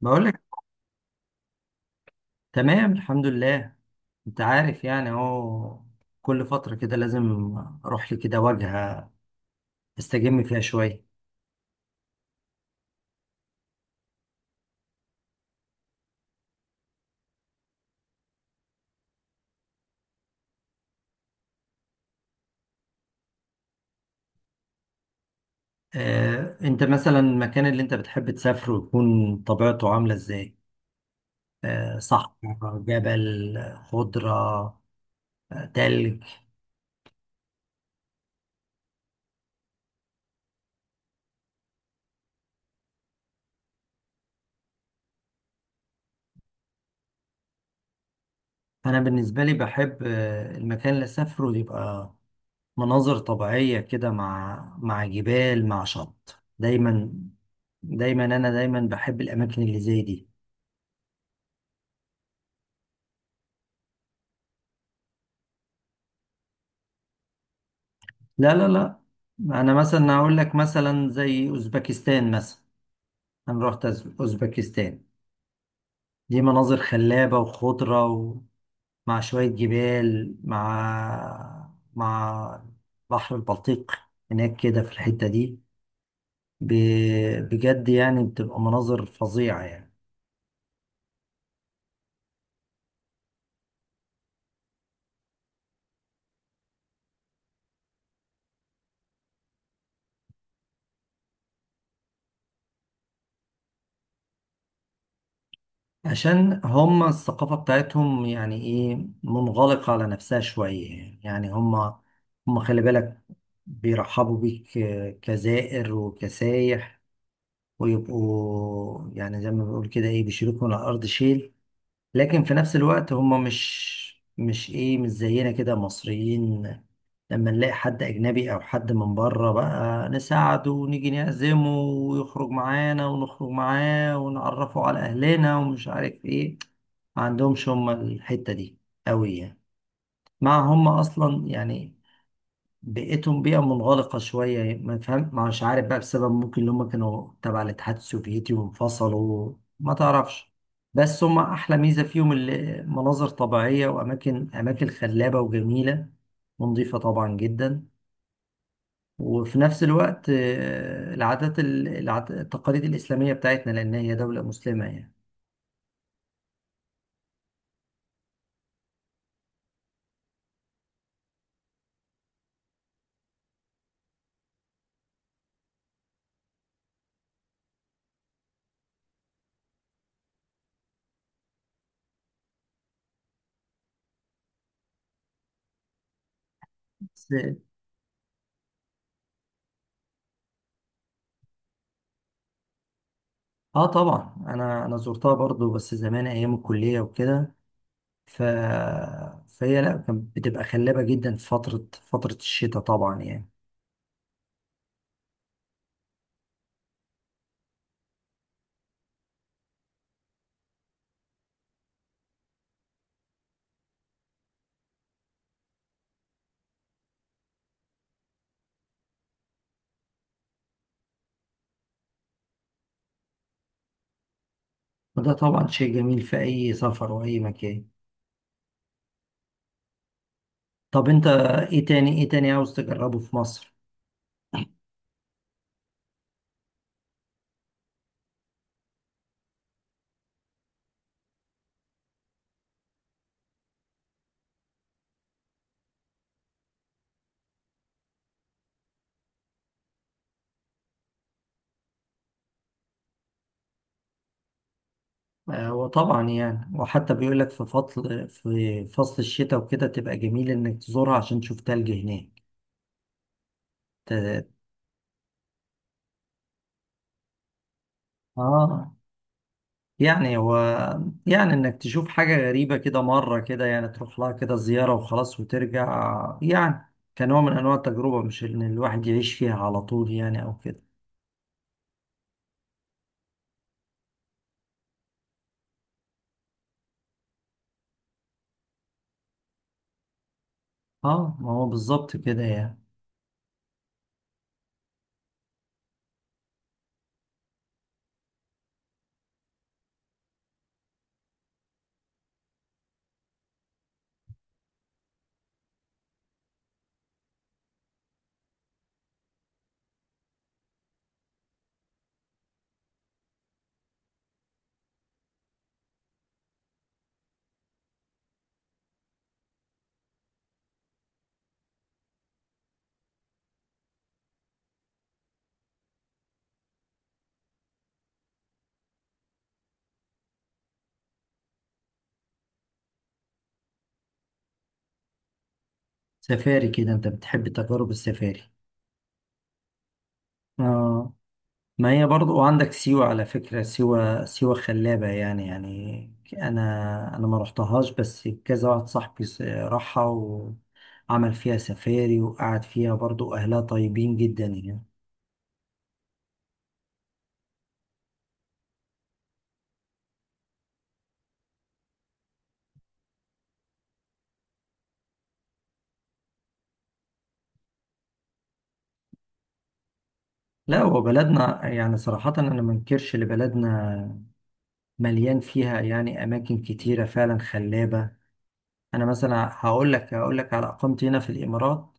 بقول لك. تمام، الحمد لله. انت عارف، يعني اهو كل فترة كده لازم اروح لي كده واجهة استجم فيها شوية. اه، انت مثلا المكان اللي انت بتحب تسافره يكون طبيعته عاملة ازاي؟ اه، صحراء، جبل، خضرة، اه تلج. انا بالنسبة لي بحب اه المكان اللي اسافره يبقى مناظر طبيعية كده، مع جبال مع شط دايما، انا دايما بحب الاماكن اللي زي دي. لا، لا، لا. انا مثلا هقول لك مثلا زي اوزبكستان مثلا. انا رحت اوزبكستان. دي مناظر خلابة وخضرة، ومع شوية جبال مع بحر البلطيق هناك كده في الحتة دي. بجد يعني بتبقى مناظر فظيعة يعني. عشان هم الثقافة بتاعتهم يعني ايه منغلقة على نفسها شوية. يعني هم خلي بالك بيرحبوا بيك كزائر وكسايح، ويبقوا يعني زي ما بيقول كده ايه بيشيلوك من الأرض شيل. لكن في نفس الوقت هم مش زينا كده مصريين. لما نلاقي حد اجنبي او حد من بره بقى نساعده، ونيجي نعزمه ويخرج معانا ونخرج معاه، ونعرفه على اهلنا ومش عارف ايه. ما عندهمش هم الحتة دي قوي يعني. مع هم اصلا يعني بيئتهم بيئة منغلقة شوية، ما فهم مش عارف بقى، بسبب ممكن اللي هم كانوا تبع الاتحاد السوفيتي وانفصلوا، ما تعرفش. بس هم أحلى ميزة فيهم اللي مناظر طبيعية وأماكن خلابة وجميلة، ونظيفة طبعا جدا. وفي نفس الوقت العادات التقاليد الإسلامية بتاعتنا، لأن هي دولة مسلمة يعني. بس آه، طبعا أنا زرتها برضو، بس زمان أيام الكلية وكده. ف... فهي لا كانت بتبقى خلابة جدا في فترة الشتاء طبعا يعني. وده طبعا شيء جميل في أي سفر وأي مكان. طب أنت إيه تاني عاوز تجربه في مصر؟ آه، وطبعا يعني، وحتى بيقول لك في فصل الشتاء وكده تبقى جميل إنك تزورها عشان تشوف تلج هناك. ت... آه يعني هو، يعني انك تشوف حاجة غريبة كده مرة كده، يعني تروح لها كده زيارة وخلاص وترجع، يعني كنوع من انواع التجربة، مش ان الواحد يعيش فيها على طول يعني او كده. اه ما هو بالظبط كده يعني. سفاري كده، انت بتحب تجارب السفاري؟ اه ما هي برضو، وعندك سيوة على فكرة. سيوة خلابة يعني. انا ما رحتهاش، بس كذا واحد صاحبي راحها وعمل فيها سفاري وقعد فيها، برضو اهلها طيبين جدا يعني. لا هو بلدنا يعني صراحة، أنا ما انكرش إن بلدنا مليان فيها يعني أماكن كتيرة فعلا خلابة. أنا مثلا هقول لك على إقامتي هنا في الإمارات.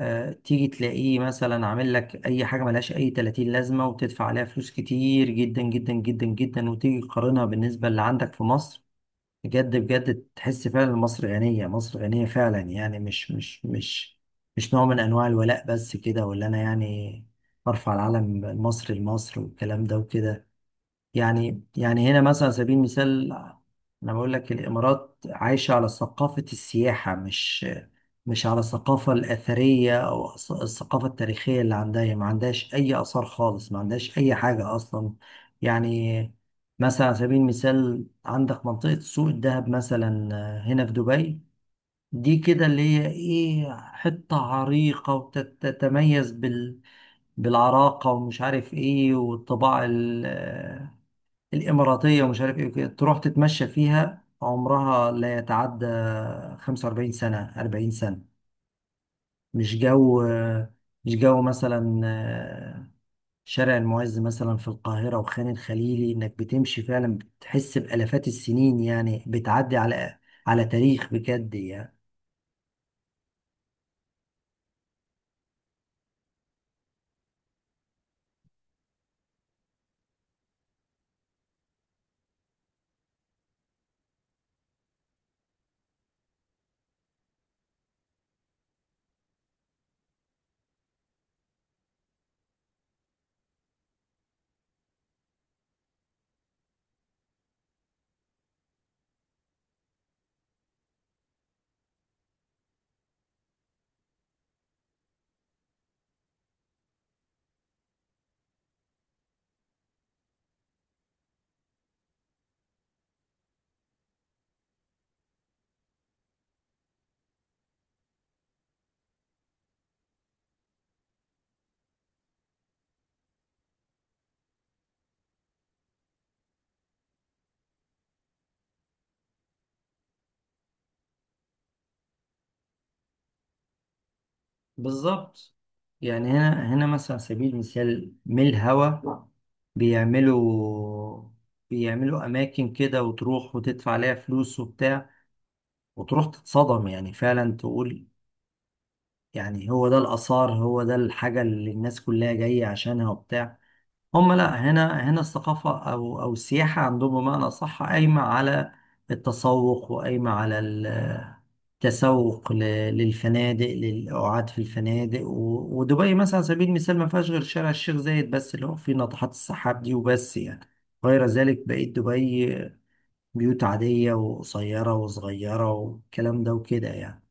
تيجي تلاقيه مثلا عامل لك أي حاجة ملهاش أي 30 لازمة، وتدفع عليها فلوس كتير جدا جدا جدا جدا، وتيجي تقارنها بالنسبة اللي عندك في مصر. بجد بجد تحس فعلا مصر غنية، مصر غنية فعلا. يعني مش نوع من أنواع الولاء بس كده، ولا أنا يعني برفع العلم المصري لمصر والكلام ده وكده. يعني هنا مثلا على سبيل المثال، انا بقول لك الامارات عايشه على ثقافه السياحه، مش على الثقافه الاثريه او الثقافه التاريخيه. اللي عندها هي ما عندهاش اي اثار خالص، ما عندهاش اي حاجه اصلا يعني. مثلا على سبيل المثال عندك منطقه سوق الذهب مثلا هنا في دبي. دي كده اللي هي ايه حته عريقه، وتتميز بالعراقه ومش عارف ايه، والطباع الإماراتية ومش عارف إيه وكده. تروح تتمشى فيها، عمرها لا يتعدى 45 سنة، 40 سنة. مش جو، مش جو مثلا شارع المعز مثلا في القاهرة وخان الخليلي، إنك بتمشي فعلا بتحس بآلافات السنين، يعني بتعدي على تاريخ بجد يعني. بالظبط. يعني هنا مثلا على سبيل المثال ميل هوا بيعملوا بيعملوا أماكن كده، وتروح وتدفع عليها فلوس وبتاع، وتروح تتصدم يعني فعلا. تقول يعني هو ده الآثار، هو ده الحاجة اللي الناس كلها جاية عشانها وبتاع. هم لا، هنا الثقافة أو السياحة عندهم بمعنى صح قايمة على التسوق، وقايمة على التسوق للفنادق، للقعاد في الفنادق، ودبي مثلا على سبيل المثال ما فيهاش غير شارع الشيخ زايد بس، اللي هو فيه ناطحات السحاب دي وبس يعني. غير ذلك بقيت دبي بيوت عادية وقصيرة وصغيرة والكلام ده وكده يعني.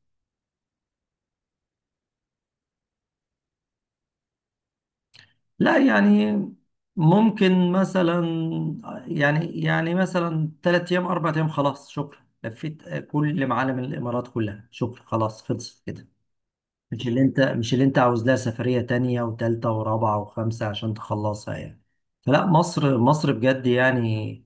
لا يعني ممكن مثلا يعني مثلا 3 ايام 4 ايام، خلاص شكرا، لفيت كل معالم الامارات كلها. شكرا، خلاص خلصت كده. مش اللي انت عاوز لها سفرية تانية وتالتة ورابعة وخمسة عشان تخلصها يعني. فلا، مصر مصر بجد يعني،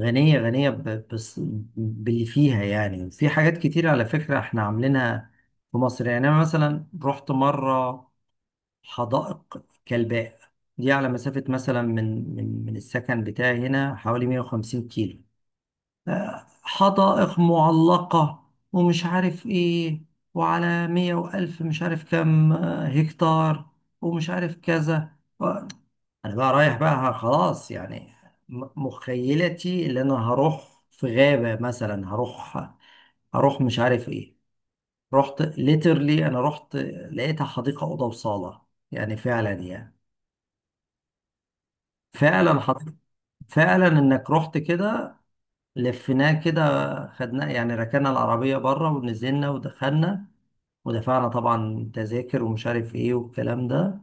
غنية غنية بس باللي فيها يعني. في حاجات كتير على فكرة احنا عاملينها في مصر يعني. انا مثلا رحت مرة حدائق كلباء، دي على مسافة مثلا من السكن بتاعي هنا حوالي 150 كيلو. حدائق معلقة ومش عارف ايه، وعلى مية وألف مش عارف كام هكتار، ومش عارف كذا. أنا بقى رايح بقى خلاص يعني، مخيلتي اللي أنا هروح في غابة مثلا، هروح مش عارف ايه. رحت ليترلي، أنا رحت لقيتها حديقة أوضة وصالة يعني فعلا يعني. فعلا حط... فعلا انك رحت كده لفيناه كده، خدناه يعني، ركنا العربية بره ونزلنا ودخلنا، ودفعنا طبعا تذاكر ومش عارف ايه والكلام ده.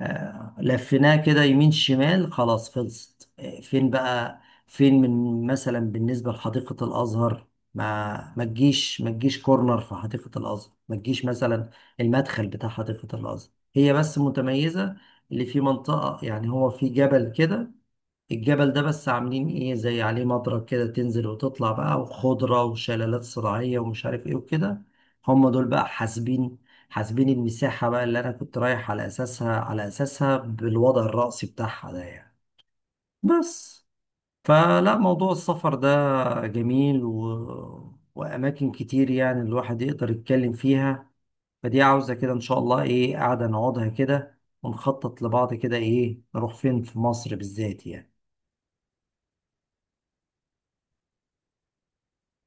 آه، لفيناه كده يمين شمال خلاص خلصت. آه فين بقى، فين من مثلا بالنسبة لحديقة الأزهر؟ ما تجيش كورنر في حديقة الأزهر. ما تجيش مثلا المدخل بتاع حديقة الأزهر، هي بس متميزة اللي في منطقة يعني. هو في جبل كده، الجبل ده بس عاملين ايه زي عليه مضرب كده، تنزل وتطلع بقى، وخضرة وشلالات صناعية ومش عارف ايه وكده. هم دول بقى حاسبين المساحة بقى، اللي انا كنت رايح على اساسها بالوضع الرأسي بتاعها ده يعني. بس فلا، موضوع السفر ده جميل واماكن كتير يعني الواحد يقدر يتكلم فيها. فدي عاوزة كده ان شاء الله ايه قاعدة نقعدها كده ونخطط لبعض، كده ايه نروح فين في مصر بالذات يعني.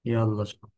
يلا شكرا.